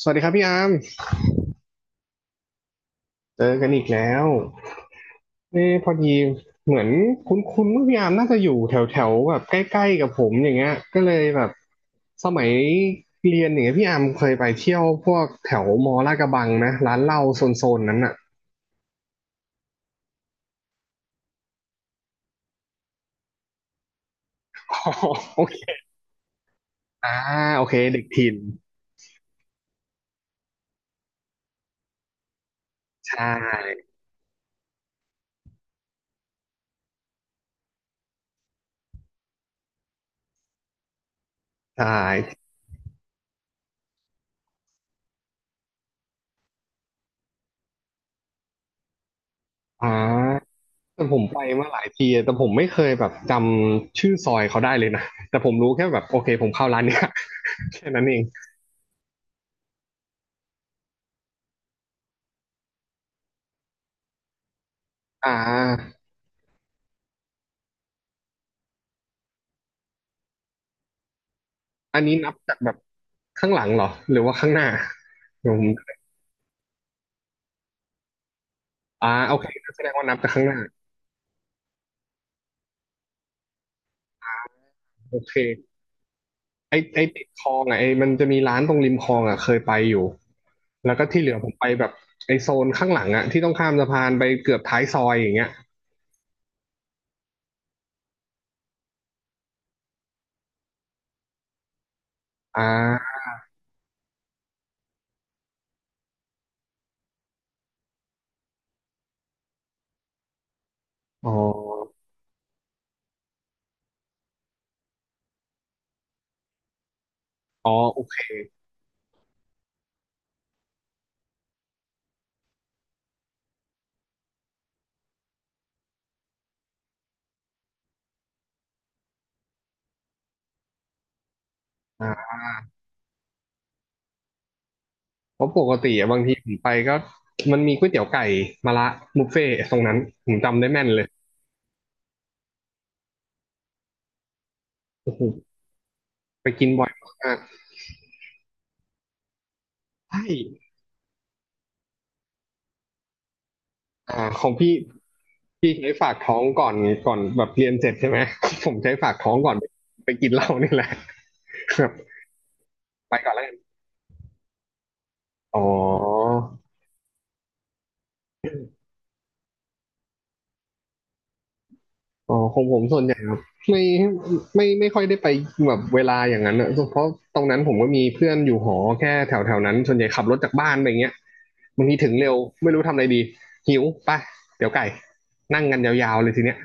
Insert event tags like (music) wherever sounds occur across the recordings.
สวัสดีครับพี่อาร์มเจอกันอีกแล้วเอ้พอดีเหมือนคุ้นๆว่าพี่อาร์มน่าจะอยู่แถวๆแบบใกล้ๆกับผมอย่างเงี้ยก็เลยแบบสมัยเรียนอย่างเงี้ยพี่อาร์มเคยไปเที่ยวพวกแถวมอลาดกระบังนะร้านเหล้าโซนๆนั้นอ่ะ (laughs) อ๋อโอเคอ่าโอเคเด็กถิ่นใช่ใช่อ่าแต่ผมไปมาหลายทีแต่ผมไม่เคยแบบจำชื่อซอยเขาได้เลยนะแต่ผมรู้แค่แบบโอเคผมเข้าร้านเนี้ย (laughs) แค่นั้นเองอ่าอันนี้นับจากแบบ ข้างหลังเหรอหรือว่าข้างหน้าผมอ่าโอเคแสดงว่านับจากข้างหน้าโอเคไอไอติดคลองอ่ะไอมันจะมีร้านตรงริมคลองอ่ะเคยไปอยู่แล้วก็ที่เหลือผมไปแบบไอโซนข้างหลังอ่ะที่ต้องข้ามสะพานไปเกือบท้ายซอยอย่างเงี้ยอ่าอ๋ออ๋อโอเคอ่าเพราะปกติอะบางทีผมไปก็มันมีก๋วยเตี๋ยวไก่มะระบุฟเฟ่ต์ตรงนั้นผมจำได้แม่นเลยโอ้โหไปกินบ่อยมากใช่อ่าของพี่ พี่ใช้ฝากท้องก่อนก่อนแบบเรียนเสร็จใช่ไหม (laughs) ผมใช้ฝากท้องก่อนไปกินเหล้านี่แหละ (laughs) แบบไปก่อนแล้วกันอ๋ออ๋อของผมส่วนใหญ่แบบไม่ไม่ค่อยได้ไปแบบเวลาอย่างนั้นอะเพราะตรงนั้นผมก็มีเพื่อนอยู่หอแค่แถวแถวนั้นส่วนใหญ่ขับรถจากบ้านไปอย่างเงี้ยบางทีถึงเร็วไม่รู้ทำอะไรดีหิวไปเดี๋ยวไก่นั่งกันยาวๆเลยทีเนี้ย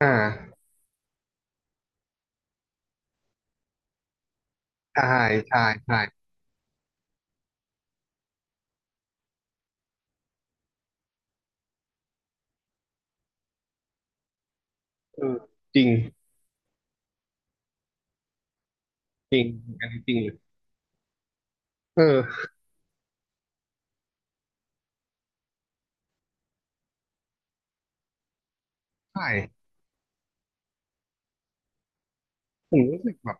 อ่าใช่ใช่ใช่เออจริงจริงอันนี้จริงเลยเออใช่ผมรู้สึกแบบ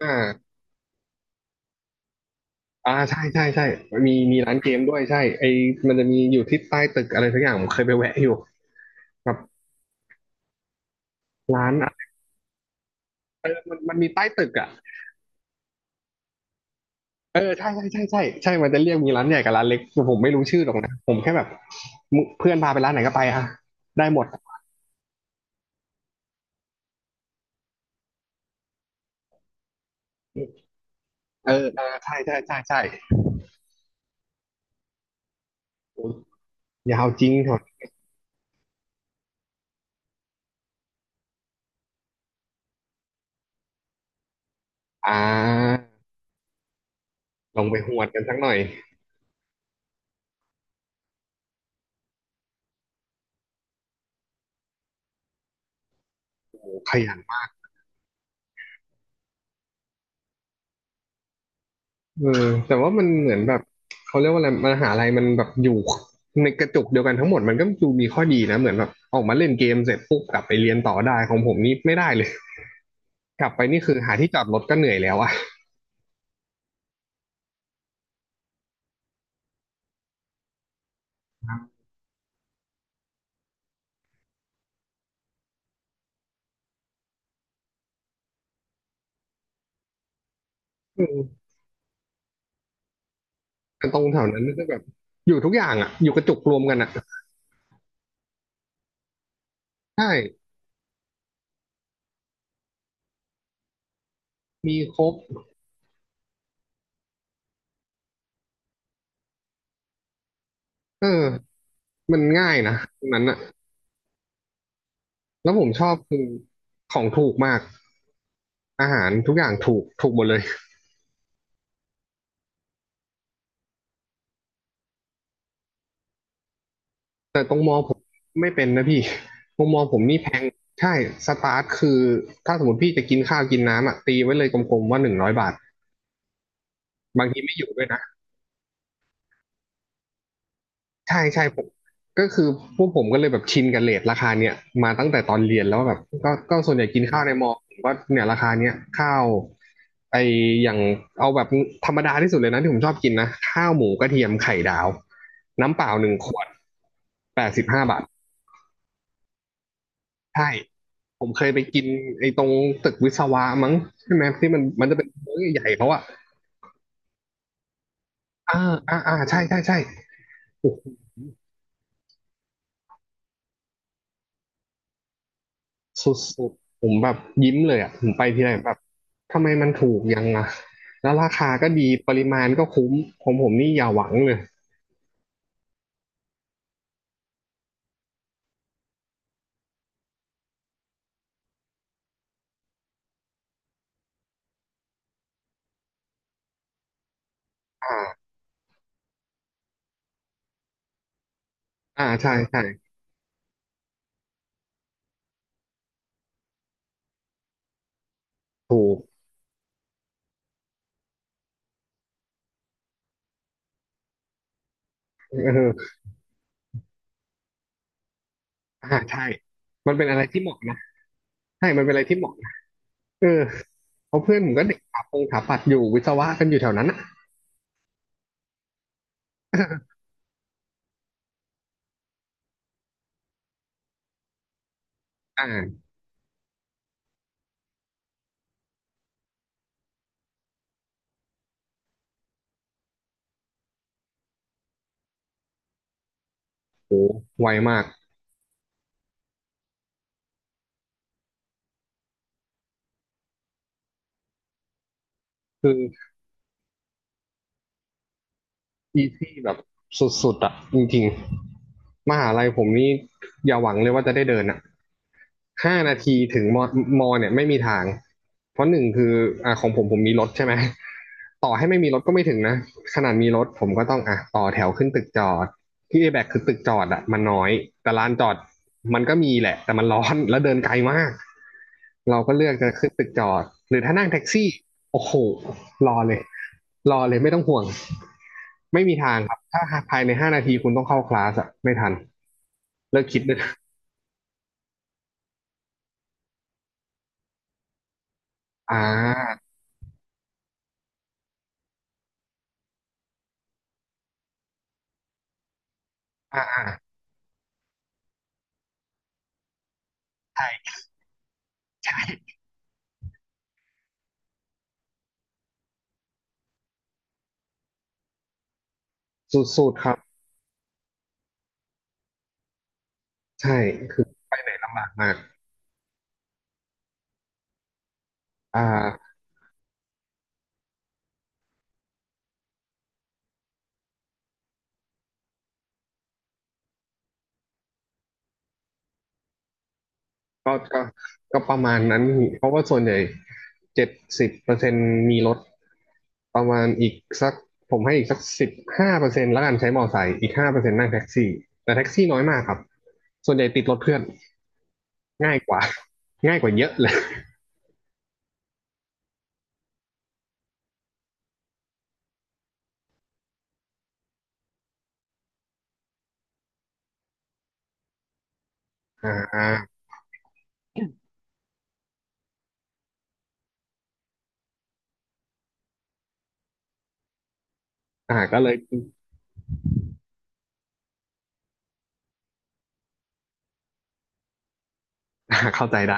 อ่าอ่าใช่ใช่ใช่มีร้านเกมด้วยใช่ไอมันจะมีอยู่ที่ใต้ตึกอะไรสักอย่างผมเคยไปแวะอยู่แบบร้านอ่ะมันมีใต้ตึกอ่ะเออใช่ใช่ใช่ใช่ใช่มันจะเรียกมีร้านใหญ่กับร้านเล็กผมไม่รู้ชื่อหรอกนะผมแค่แบบมึเพื่อนพาไปร้านไหนก็ไปอ่ะได้หมดเออเอาใช่ใช่ใช่ใช่โอ้ยาวจริงเหรออ่าลองไปหวดกันสักหน่อยโอ้ขยัน เออแต่ว่ามันเหมือนแบบเขาเรียกว่าอะไรมหาลัยมันแบบอยู่ในกระจุกเดียวกันทั้งหมดมันก็ดูมีข้อดีนะเหมือนแบบออกมาเล่นเกมเสร็จปุ๊บกลับไปเรียนต่อได้ของผมนี่ไม่ได้เลย (laughs) กลับไปนี่คือหาที่จอดรถก็เหนื่อยแล้วอ่ะอืมแต่ตรงแถวนั้นมันก็แบบอยู่ทุกอย่างอ่ะอยู่กระจุกรวมกันอ่ะใช่มีครบเออมันง่ายนะตรงนั้นอ่ะแล้วผมชอบคือของถูกมากอาหารทุกอย่างถูกถูกหมดเลย แต่ตรงมอผมไม่เป็นนะพี่ (laughs) ตรงมอผมนี่แพงใช่สตาร์ทคือถ้าสมมติพี่จะกินข้าวกินน้ำอ่ะตีไว้เลยกลมๆว่า100 บาทบางทีไม่อยู่ด้วยนะใช่ใช่ผมก็คือพวกผมก็เลยแบบชินกับเรทราคาเนี้ยมาตั้งแต่ตอนเรียนแล้วแบบก็ก็ส่วนใหญ่กินข้าวในมอผมก็เนี่ยราคาเนี้ยข้าวไออย่างเอาแบบธรรมดาที่สุดเลยนะที่ผมชอบกินนะข้าวหมูกระเทียมไข่ดาวน้ำเปล่า1 ขวด85 บาท ใช่ ผมเคยไปกินไอ้ตรงตึกวิศวะมั้งใช่ไหมที่มันมันจะเป็นมื้อใหญ่ๆเขาอะอ่าอ่าอ่าใช่ใช่ใช่โอ้โหสุดๆผมแบบยิ้มเลยอะผมไปทีไรแบบทำไมมันถูกยังอะแล้วราคาก็ดีปริมาณก็คุ้มของผมนี่อย่าหวังเลยอ่าอ่าใช่ใช่ถูกเอออ่าใช่มันเป็นอะไรที่เหมาะนะใช่มันเป็นอะไรที่เหมาะนะเออเพราะเพื่อนผมก็เด็กสถาปัตย์อยู่วิศวะกันอยู่แถวนั้นอะ (coughs) อ่าโหไวมากคือ ที่ที่แบบสุดๆอ่ะจริงๆมหาลัยผมนี่อย่าหวังเลยว่าจะได้เดินอ่ะห้านาทีถึงมอมอเนี่ยไม่มีทางเพราะหนึ่งคืออ่าของผมผมมีรถใช่ไหมต่อให้ไม่มีรถก็ไม่ถึงนะขนาดมีรถผมก็ต้องอ่ะต่อแถวขึ้นตึกจอดที่เอแบกคือตึกจอดอ่ะมันน้อยแต่ลานจอดมันก็มีแหละแต่มันร้อนแล้วเดินไกลมากเราก็เลือกจะขึ้นตึกจอดหรือถ้านั่งแท็กซี่โอ้โหรอเลยรอเลยไม่ต้องห่วง ไม่มีทางครับ ถ้าภายใน5 นาทีคุณต้องเข้าคลาสอะไม่ทัน เลิกคิดเลยอ่าอ่าอ่าใช่ใช่สุดๆครับ ใช่ คือลำบากมากอ่าก็ก็ก็ประมาณนั้นเพราะว่าส่วนใหญ่70%มีรถประมาณอีกสักผมให้อีกสัก15%แล้วกันใช้มอไซค์อีกห้าเปอร์เซ็นต์นั่งแท็กซี่ แต่แท็กซี่น้อยมากครับ ส่วนใหญ่ติดรถเพื่อนง่ายกว่าง่ายกว่าเยอะเลยอ่าอ่าก็เลยอ่าเข้าใจได้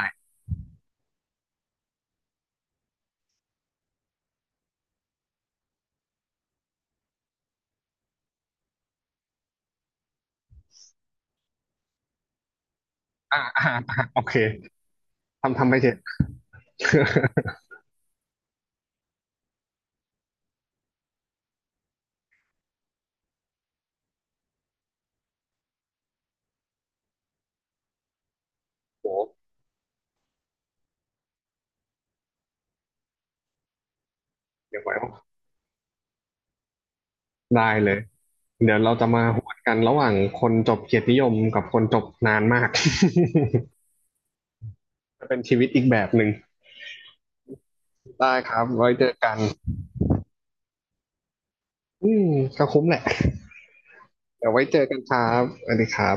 อ่า (laughs) อ่าอ่าโอเค ทำไปเถอะ (laughs) โหเดี๋ยวไว้ได้เลย เดี๋ยวเราจะมาหวดกันระหว่างคนจบเกียรตินิยมกับคนจบนานมาก (laughs) จะเป็นชีวิตอีกแบบหนึ่ง ได้ครับ ไว้เจอกันอืมก็คุ้มแหละ เดี๋ยวไว้เจอกันครับสวัสดีครับ